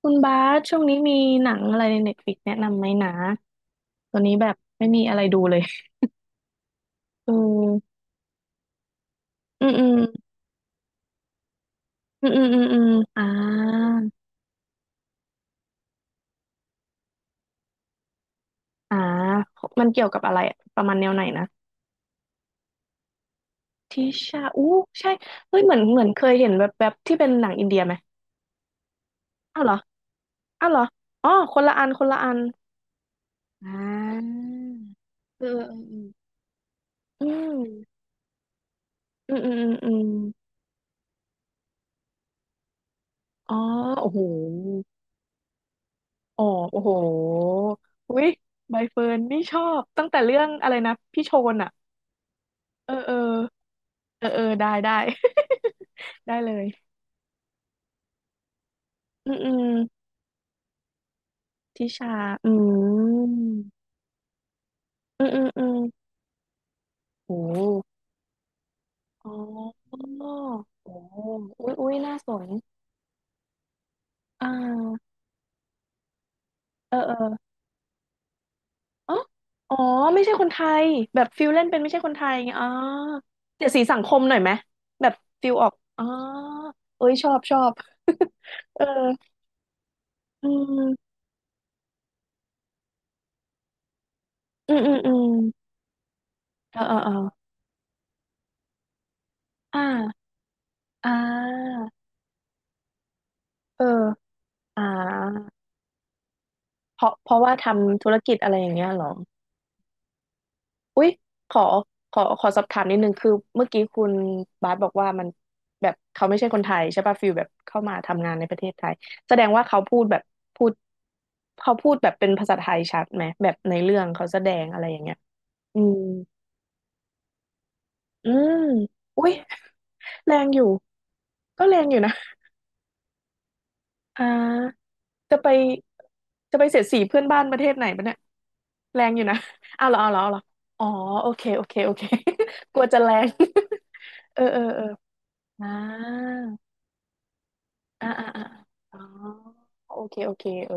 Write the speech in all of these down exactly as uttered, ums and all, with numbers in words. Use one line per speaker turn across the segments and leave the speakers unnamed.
คุณบาสช่วงนี้มีหนังอะไรในเน็ตฟลิกแนะนำไหมนะตอนนี้แบบไม่มีอะไรดูเลยอืมอืมอืมอืมอืมอืมอืมอ่าอ่ามันเกี่ยวกับอะไรอะประมาณแนวไหนนะทิชาอู้ใช่เฮ้ยเหมือนเหมือนเคยเห็นแบบแบบที่เป็นหนังอินเดียไหมอ้าวเหรออ้าวเหรออ๋อคนละอันคนละอันอ่าเออเออเอออืมอืมอืมอืมอมอ๋อโอ้โห อ๋อโอ้โห อุ๊ยใบเฟิร์นนี่ชอบตั้งแต่เรื่องอะไรนะพี่โชนอ่ะ เออเออเออเออได้ได้ ได้เลยอืมอืมทิชา อืมอืม อืมอืมโอ้อ๋อโอ้อุ้ยอุ๊ยน่าสนอ่า เออเอออ๋ออ๋อไม่ใช่คนไทยแบบฟิลเล่นเป็นไม่ใช่คนไทยไงอ๋อเสียดสีสังคมหน่อยไหมแบบฟิลออกอ๋อเอ้ยชอบชอบ เอออืม อืมอืมอืมเออเออเอออ่าอ่าเอออ่าเพราะเพราะว่าทำธุรกิจอะไรอย่างเงี้ยเหรออุ๊ยขอขอขอสอบถามนิดนึงคือเมื่อกี้คุณบาสบอกว่ามันแบบเขาไม่ใช่คนไทยใช่ป่ะฟิลแบบเข้ามาทำงานในประเทศไทยแสดงว่าเขาพูดแบบพูดเขาพูดแบบเป็นภาษาไทยชัดไหมแบบในเรื่องเขาแสดงอะไรอย่างเงี้ยอืมอืมอุ๊ยแรงอยู่ก็แรงอยู่นะอ่า จะไปจะไปเสียดสีเพื่อนบ้านประเทศไหนปะเนี่ยแรงอยู่นะ เอาวเหรอออาวเหรอออาวเหรออ๋อโอเคโอเคโอเค กลัวจะแรง เออเออเอออ่าอ่าอ่าอาอ๋อโอเคโอเคเออ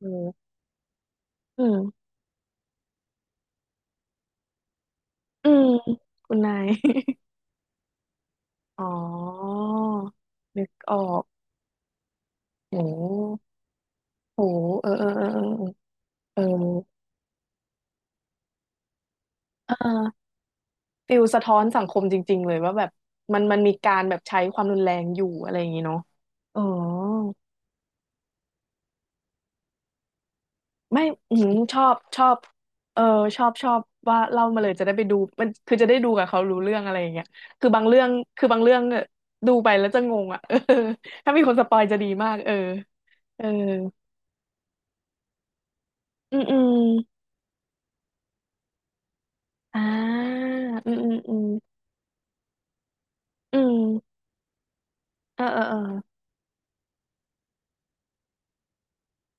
เอืมอืมอืมคุณนาย อ๋อนึกออกโหโหเออเออเออเออเออเออ ฟิลสะท้อนสังคมจริงๆเลยว่าแบบมันมันมีการแบบใช้ความรุนแรงอยู่อะไรอย่างงี้เนาะอ๋อไม่อืมชอบชอบเออชอบชอบว่าเล่ามาเลยจะได้ไปดูมันคือจะได้ดูกับเขารู้เรื่องอะไรอย่างเงี้ยคือบางเรื่องคือบางเรื่องเออดูไปแล้วจะงงอ่ะ เออถ้ามีคนสปอยจะดีมากเออเอออืมอืมอ่าอืมอืมอืมอืมเออเออเออ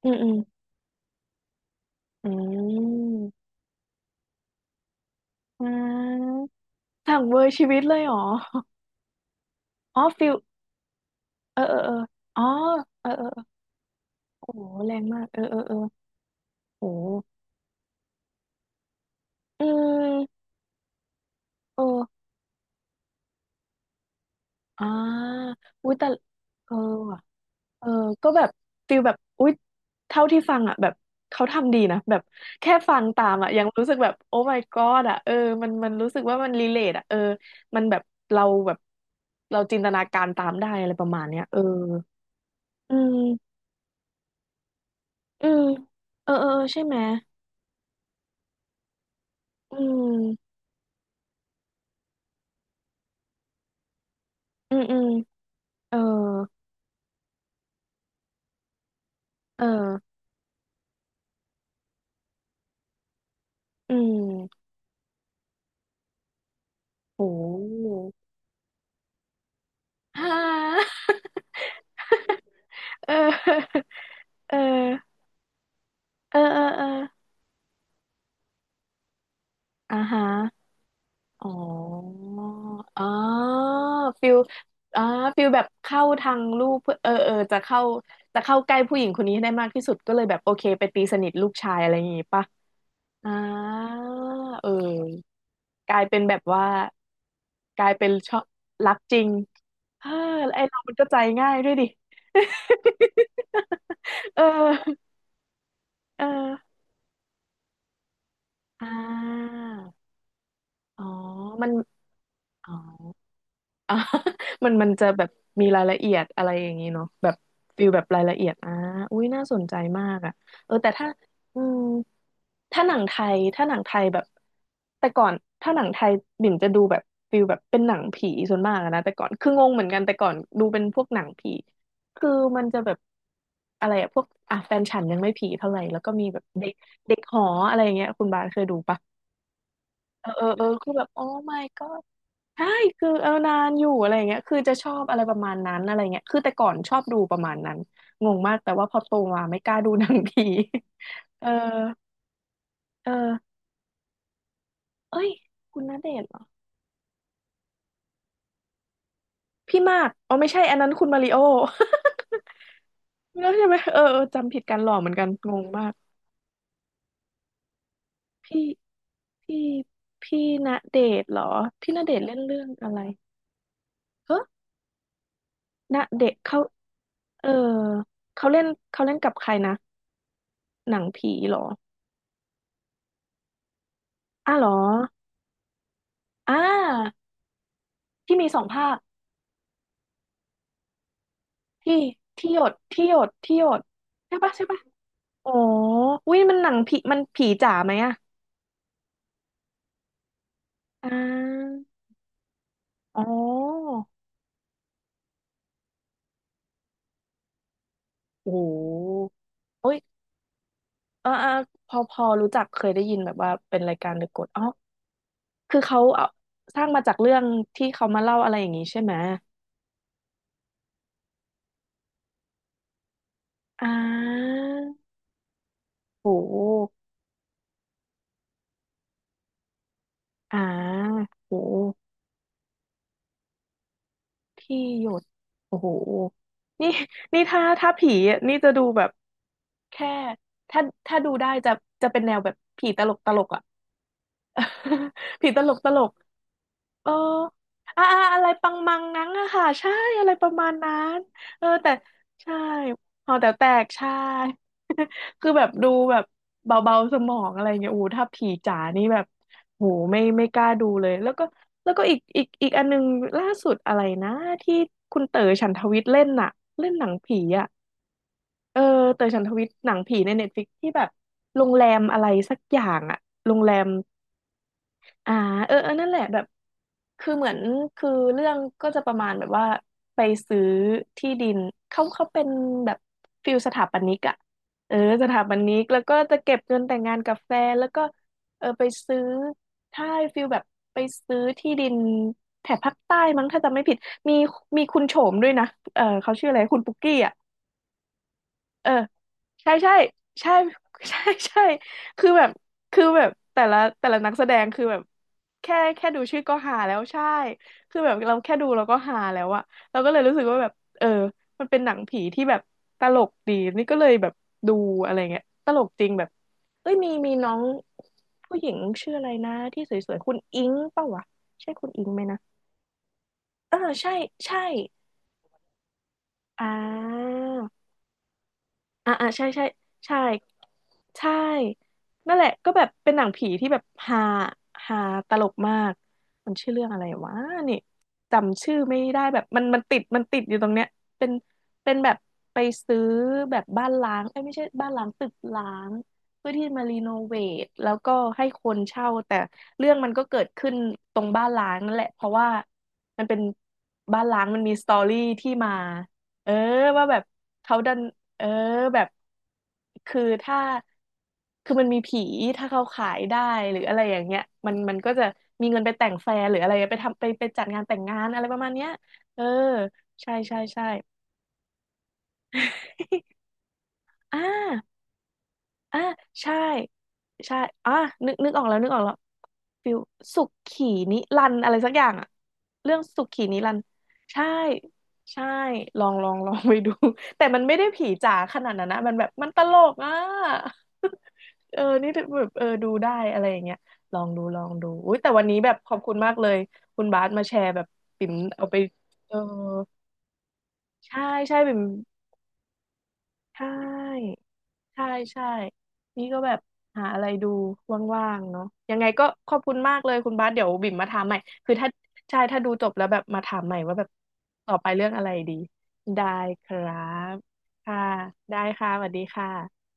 อืมอืมอืมอ่าสั่งเวอร์ชีวิตเลยเหรออ๋อฟิล เออเออเอออ๋อเออเออเออโอ้โหแรงมากเออเออเออโอ้โหอืมเอออ่าอุ้ยแต่เออว่ะเออก็แบบฟิลแบบอุ้ยเท่าที่ฟังอ่ะแบบเขาทำดีนะแบบแค่ฟังตามอ่ะยังรู้สึกแบบโอ้ my god อ่ะเออมันมันรู้สึกว่ามันรีเลทอ่ะเออมันแบบเราแบบเราจินตนาการตามได้อะไรประมาณเนี้ยเอออืมอืมเออเออเออใช่ไหมอืมอืมอืมเออเอออืม โอ้ฮ่าเออเออเออเออเอออ่าฮะอ๋ออ๋อฟิลอ่าฟิลแบบเข้าทางลูกเพื่อเออเออจะเข้าจะเข้าใกล้ผู้หญิงคนนี้ให้ได้มากที่สุดก็เลยแบบโอเคไปตีสนิทลูกชายอะไรอย่างงี้ป่ะอ่าเออกลายเป็นแบบว่ากลายเป็นชอบรักจริงเออแล้วไอเรามันก็ใจง่ายด้วยดิ เออเออ อ่าอ๋อมันอ๋ออ่ะ มันมันจะแบบมีรายละเอียดอะไรอย่างนี้เนาะแบบฟิลแบบรายละเอียดอ่าอุ้ยน่าสนใจมากอ่ะเออแต่ถ้าอืมถ้าหนังไทยถ้าหนังไทยแบบแต่ก่อนถ้าหนังไทยบิ่มจะดูแบบฟิลแบบเป็นหนังผีส่วนมากอะนะแต่ก่อนคืองงเหมือนกันแต่ก่อนดูเป็นพวกหนังผีคือมันจะแบบอะไรอะพวกอ่ะแฟนฉันยังไม่ผีเท่าไหร่แล้วก็มีแบบเด็กเด็กหออะไรอย่างเงี้ยคุณบาสเคยดูปะ เออเออเออคือแบบโอ้ my god ใช่คือเออนานอยู่อะไรอย่างเงี้ยคือจะชอบอะไรประมาณนั้นอะไรเงี้ยคือแต่ก่อนชอบดูประมาณนั้นงงมากแต่ว่าพอโตมาไม่กล้าดูหนังผี เออเออเอ้ยคุณณเดชน์เหรอพี่มากอ๋อไม่ใช่อันนั้นคุณมาริโอ แล้วใช่ไหมเออเออจำผิดกันหล่อเหมือนกันงงมากพี่พี่พี่ณเดชน์เหรอพี่ณเดชน์เล่นเรื่องอะไรเฮ้อณเดชน์เขาเออเขาเล่นเขาเล่นกับใครนะ หนังผีเหรออ้าเหรออ่าที่มีสองภาคที่ที่หยดที่หยดที่หยดใช่ปะใช่ปะอ๋ออุ้ยมันหนังผีมันผีจ๋าไหมอะอ่าอ๋อโอ้โหโอ้ยเออเออพอพอรู้จักเคยได้ยินแบบว่าเป็นรายการเดอะกดอ๋อคือเขาเอาสร้างมาจากเรื่องที่เขามาเล่าอะไรอย่างนี้ใช่ไหมอ่าโหอ่าโห ที่หยดโอ้โห นี่นี่ถ้าถ้าผีอะนี่จะดูแบบแค่ ถ้าถ้าดูได้จะจะเป็นแนวแบบผีตลกตลกอ่ะ ผีตลกตลก เอออ่าอะอะไรปังมังงั้งอะค่ะใช่อะไรประมาณนั้นเออแต่ใช่หอแต๋วแตกใช่ คือแบบดูแบบเบาๆสมองอะไรเงี้ยโอ้โหถ้าผีจ๋านี่แบบโหไม่ไม่กล้าดูเลย แล้วก็แล้วก็อีกอีกอีกอันนึงล่าสุดอะไรนะที่คุณเต๋อฉันทวิทย์เล่นน่ะเล่นหนังผีอะเออเต๋อฉันทวิทย์หนังผีในเน็ตฟลิกที่แบบโรงแรมอะไรสักอย่างอะโรงแรม อ่าเออเออนั่นแหละแบบคือเหมือนคือเรื่องก็จะประมาณแบบว่าไปซื้อที่ดินเขาเขาเป็นแบบฟิลสถาปนิกอะเออสถาปนิกแล้วก็จะเก็บเงินแต่งงานกับแฟนแล้วก็เออไปซื้อถ้าฟิลแบบไปซื้อที่ดินแถบภาคใต้มั้งถ้าจำไม่ผิดมีมีคุณโฉมด้วยนะเออเขาชื่ออะไรคุณปุกกี้อะ เออใช่ใช่ใช่ ใช่ใช่คือแบบคือแบบแต่ละแต่ละนักแสดงคือแบบแค่แค่ดูชื่อก็หาแล้วใช่คือแบบเราแค่ดูเราก็หาแล้วอะเราก็เลยรู้สึกว่าแบบเออมันเป็นหนังผีที่แบบตลกดีนี่ก็เลยแบบดูอะไรเงี้ยตลกจริงแบบเอ้ยมีมีน้องผู้หญิงชื่ออะไรนะที่สวยๆคุณอิงเปล่าวะใช่คุณอิงไหมนะเออใช่ใช่อ่า อ่าอ่าใช่ใช่ใช่ใช่ นั่นแหละก็แบบเป็นหนังผีที่แบบฮาฮาตลกมากมันชื่อเรื่องอะไรวะนี่จำชื่อไม่ได้แบบมันมันติดมันติดอยู่ตรงเนี้ยเป็นเป็นแบบไปซื้อแบบบ้านล้างเอ้ยไม่ใช่บ้านล้างตึกล้างเพื่อที่มารีโนเวทแล้วก็ให้คนเช่าแต่เรื่องมันก็เกิดขึ้นตรงบ้านล้างนั่นแหละเพราะว่ามันเป็นบ้านล้างมันมีสตอรี่ที่มาเออว่าแบบเขาดัน เออแบบคือถ้าคือมันมีผีถ้าเขาขายได้หรืออะไรอย่างเงี้ยมันมันก็จะมีเงินไปแต่งแฟร์หรืออะไรไปทำไปไปจัดงานแต่งงานอะไรประมาณเนี้ยเออใช่ใช่ใช่ อ่า อ่ะใช่ใช่อ่ะนึกนึกออกแล้วนึกออกแล้วฟิวสุขีนิรันดร์อะไรสักอย่างอะเรื่องสุขีนิรันดร์ใช่ใช่ลองลอง ลองไปดู แต่มันไม่ได้ผีจ๋าขนาดนั้นนะมันแบบมันตลกอ่ะ เออนี่แบบเออดูได้อะไรอย่างเงี้ยลองดูลองดูอุ้ยแต่วันนี้แบบขอบคุณมากเลยคุณบาสมาแชร์แบบปิ่มเอาไปเออใช่ใช่ปิ่มใช่ ใช่ใช่ นี่ก็แบบหาอะไรดูว่างๆเนาะยังไงก็ขอบคุณมากเลยคุณบาสเดี๋ยวบิ่มมาถามใหม่ คือถ้าใช่ถ้าดูจบแล้วแบบมาถามใหม่ว่าแบบต่อไปเรื่องอะไรดีได้ครับค่ะได้ค่ะสวัสดีค่ะ